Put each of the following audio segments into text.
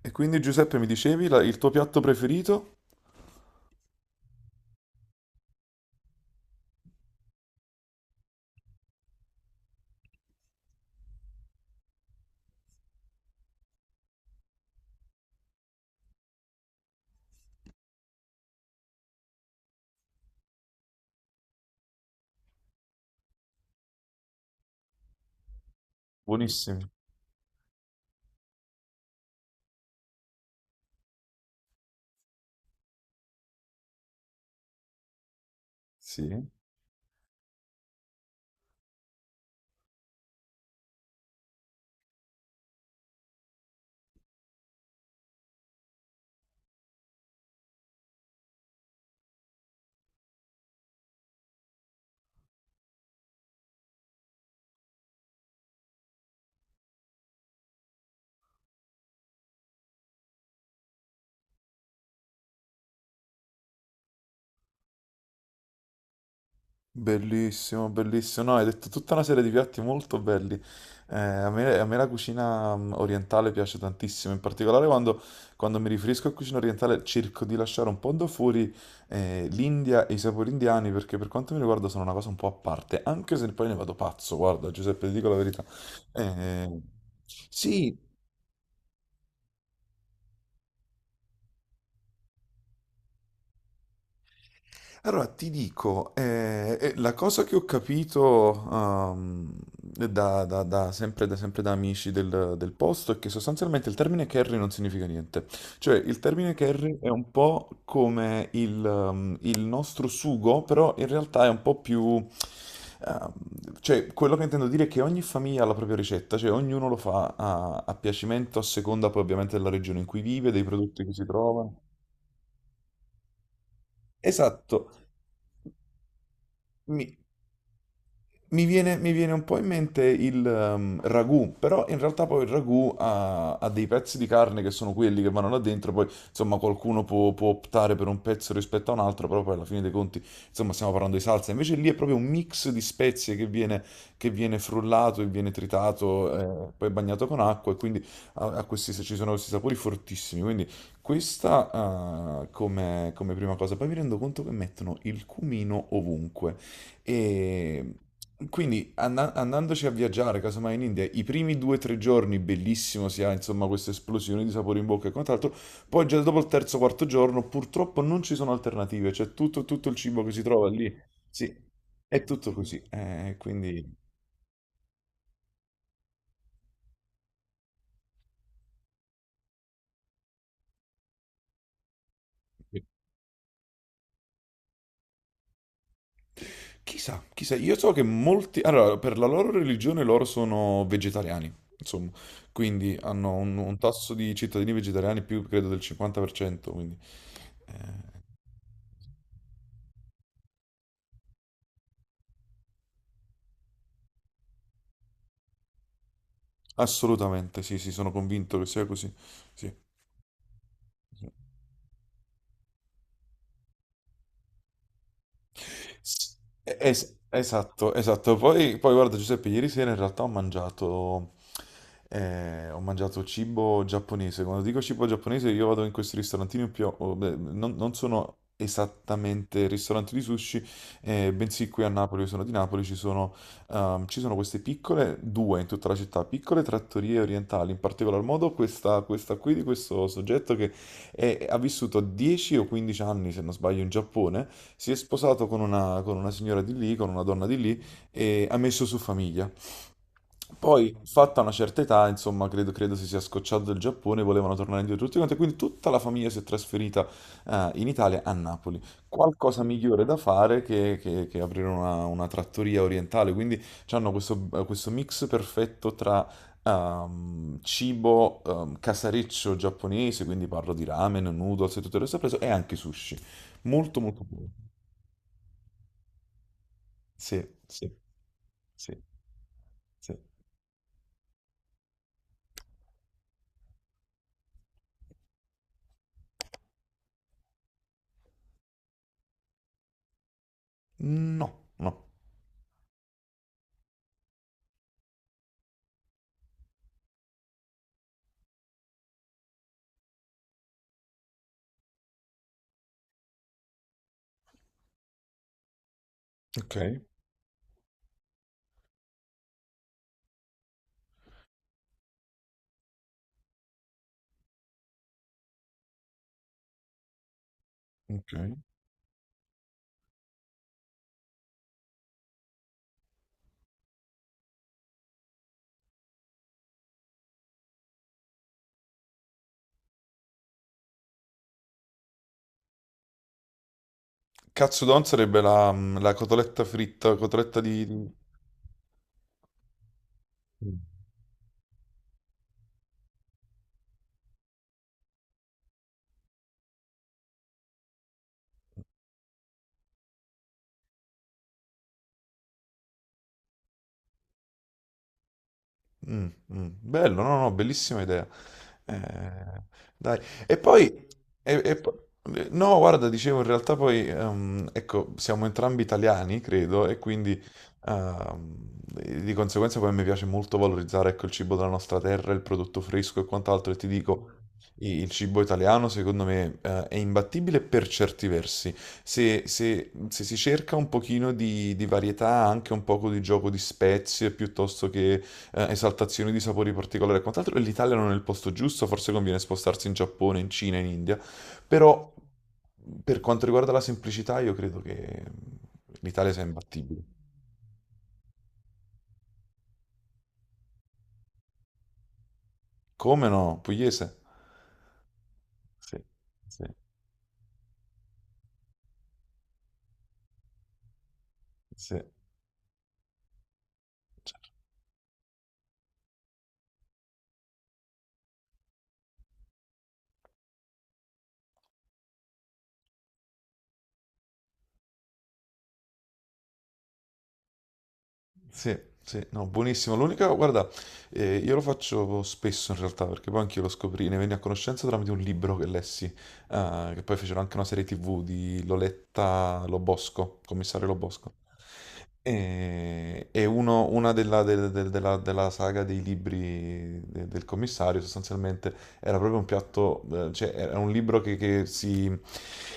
E quindi Giuseppe mi dicevi il tuo piatto preferito? Buonissimi, sì. Bellissimo, bellissimo. No, hai detto tutta una serie di piatti molto belli. A me, la cucina orientale piace tantissimo, in particolare quando mi riferisco a cucina orientale cerco di lasciare un po' da fuori l'India e i sapori indiani perché per quanto mi riguarda sono una cosa un po' a parte, anche se poi ne vado pazzo, guarda Giuseppe, ti dico la verità. Eh, sì. Allora ti dico, la cosa che ho capito sempre da amici del posto è che sostanzialmente il termine carry non significa niente. Cioè, il termine carry è un po' come il nostro sugo, però in realtà è un po' più, ehm, cioè, quello che intendo dire è che ogni famiglia ha la propria ricetta, cioè ognuno lo fa a piacimento, a seconda poi ovviamente della regione in cui vive, dei prodotti che si trovano. Esatto. Mi- mi viene un po' in mente il ragù, però in realtà poi il ragù ha dei pezzi di carne che sono quelli che vanno là dentro, poi insomma qualcuno può optare per un pezzo rispetto a un altro, però poi alla fine dei conti insomma stiamo parlando di salsa, invece lì è proprio un mix di spezie che viene frullato e viene tritato, poi bagnato con acqua e quindi ci sono questi sapori fortissimi, quindi questa come prima cosa, poi mi rendo conto che mettono il cumino ovunque. E quindi andandoci a viaggiare, casomai in India, i primi due o tre giorni bellissimo, si ha insomma questa esplosione di sapore in bocca e quant'altro, poi già dopo il terzo o quarto giorno purtroppo non ci sono alternative, cioè tutto il cibo che si trova lì, sì, è tutto così, quindi. Chissà, chissà, io so che molti. Allora, per la loro religione loro sono vegetariani, insomma, quindi hanno un tasso di cittadini vegetariani più, credo, del 50%, quindi. eh, Assolutamente, sì, sì, sono convinto che sia così. Sì. Sì. S- esatto, esatto. Poi guarda Giuseppe, ieri sera in realtà ho mangiato cibo giapponese. Quando dico cibo giapponese io vado in questi ristorantini più, beh, non sono esattamente ristoranti di sushi, bensì qui a Napoli, io sono di Napoli, ci sono queste piccole, due in tutta la città, piccole trattorie orientali, in particolar modo questa qui di questo soggetto che ha vissuto 10 o 15 anni, se non sbaglio, in Giappone, si è sposato con una signora di lì, con una donna di lì e ha messo su famiglia. Poi, fatta una certa età, insomma, credo si sia scocciato del Giappone, volevano tornare indietro tutti quanti, quindi tutta la famiglia si è trasferita in Italia, a Napoli. Qualcosa migliore da fare che aprire una trattoria orientale, quindi hanno questo mix perfetto tra cibo casareccio giapponese, quindi parlo di ramen, noodles e tutto il resto preso, e anche sushi. Molto, molto buono. Sì, sì, sì, sì. No, no. Ok, ok. Katsudon sarebbe la cotoletta fritta, cotoletta di- Mm, mm. Bello, no, no, bellissima idea. Eh, dai. E poi, e- e po- no, guarda, dicevo, in realtà poi, ecco, siamo entrambi italiani, credo, e quindi ehm, di conseguenza poi mi piace molto valorizzare, ecco, il cibo della nostra terra, il prodotto fresco e quant'altro. E ti dico, il cibo italiano, secondo me, è imbattibile per certi versi. Se si cerca un pochino di varietà, anche un poco di gioco di spezie, piuttosto che esaltazioni di sapori particolari e quant'altro, e l'Italia non è il posto giusto, forse conviene spostarsi in Giappone, in Cina, in India, però per quanto riguarda la semplicità io credo che l'Italia sia imbattibile. Come no? Pugliese? Sì, sì, sì. Sì, sì, no, buonissimo. L'unica, guarda, io lo faccio spesso in realtà, perché poi anch'io lo scoprì, ne venni a conoscenza tramite un libro che lessi, che poi fecero anche una serie TV di Loletta Lobosco, commissario Lobosco. E una della saga dei libri del commissario sostanzialmente era proprio un piatto, cioè era un libro che, che si,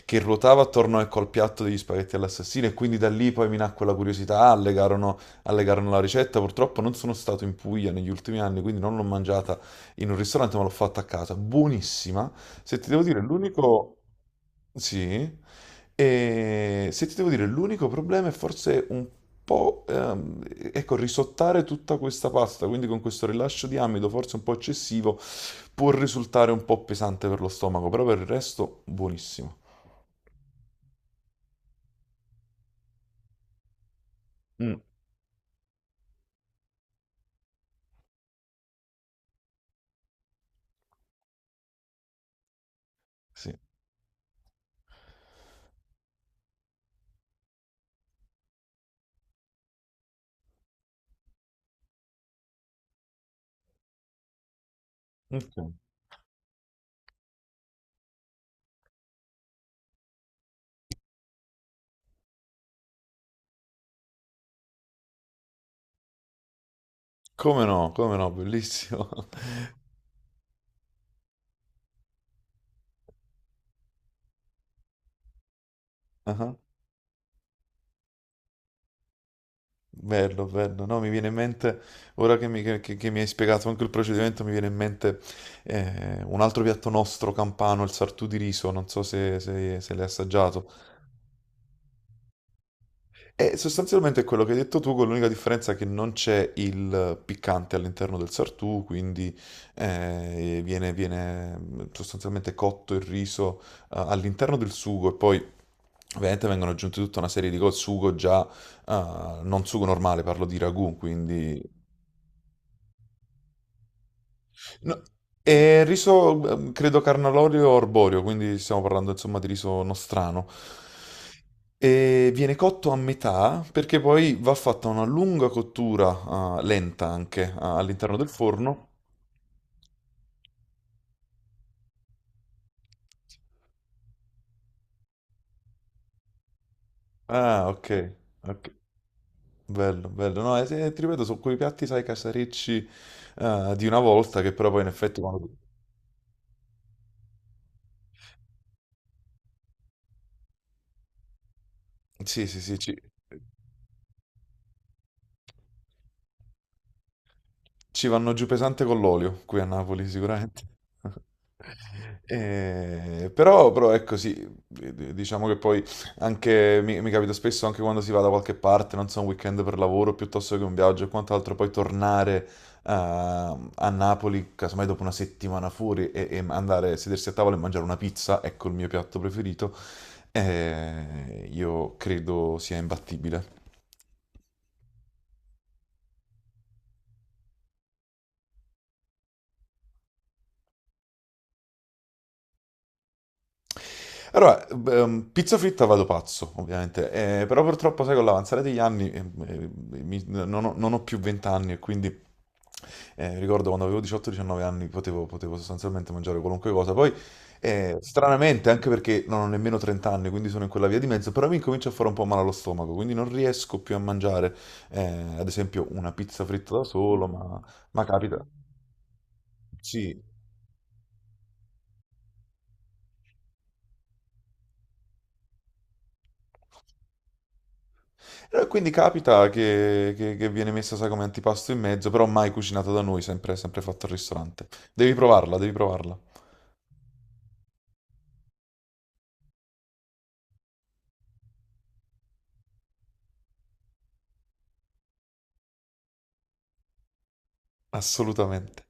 che ruotava attorno, ecco, al piatto degli spaghetti all'assassino e quindi da lì poi mi nacque la curiosità, legarono alle carne alla ricetta. Purtroppo non sono stato in Puglia negli ultimi anni, quindi non l'ho mangiata in un ristorante, ma l'ho fatta a casa. Buonissima. Se ti devo dire, l'unico. Sì. E se ti devo dire, l'unico problema è forse un po', ecco, risottare tutta questa pasta, quindi con questo rilascio di amido, forse un po' eccessivo, può risultare un po' pesante per lo stomaco, però per il resto buonissimo. Mm, sì. Ok. Come no, come no, bellissimo. Bello, bello. No, mi viene in mente, ora che mi hai spiegato anche il procedimento, mi viene in mente un altro piatto nostro campano, il sartù di riso, non so se l'hai assaggiato. E sostanzialmente è quello che hai detto tu, con l'unica differenza che non c'è il piccante all'interno del sartù, quindi viene sostanzialmente cotto il riso all'interno del sugo e poi. Ovviamente vengono aggiunte tutta una serie di cose, sugo già, non sugo normale, parlo di ragù, quindi. No, è riso, credo, carnalorio o arborio, quindi stiamo parlando insomma di riso nostrano. E viene cotto a metà perché poi va fatta una lunga cottura, lenta anche, all'interno del forno. Ah, ok, ok. Bello, bello. No, sì, ti ripeto, su quei piatti, sai, casarecci di una volta, che però poi in effetti quando. Sì, sì, sì, Ci vanno giù pesante con l'olio, qui a Napoli sicuramente. Però è così, diciamo che poi anche mi capita spesso anche quando si va da qualche parte, non so, un weekend per lavoro piuttosto che un viaggio e quant'altro, poi tornare a Napoli, casomai dopo una settimana fuori e andare a sedersi a tavola e mangiare una pizza, ecco il mio piatto preferito, io credo sia imbattibile. Allora, pizza fritta vado pazzo, ovviamente, però purtroppo, sai, con l'avanzare degli anni eh, non ho più 20 anni e quindi ricordo quando avevo 18-19 anni potevo sostanzialmente mangiare qualunque cosa. Poi, stranamente, anche perché non ho nemmeno 30 anni, quindi sono in quella via di mezzo, però mi comincia a fare un po' male allo stomaco, quindi non riesco più a mangiare, eh, ad esempio, una pizza fritta da solo, ma capita. Sì. Quindi capita che viene messa, sai, come antipasto in mezzo, però mai cucinato da noi, sempre, sempre fatto al ristorante. Devi provarla, devi provarla. Assolutamente.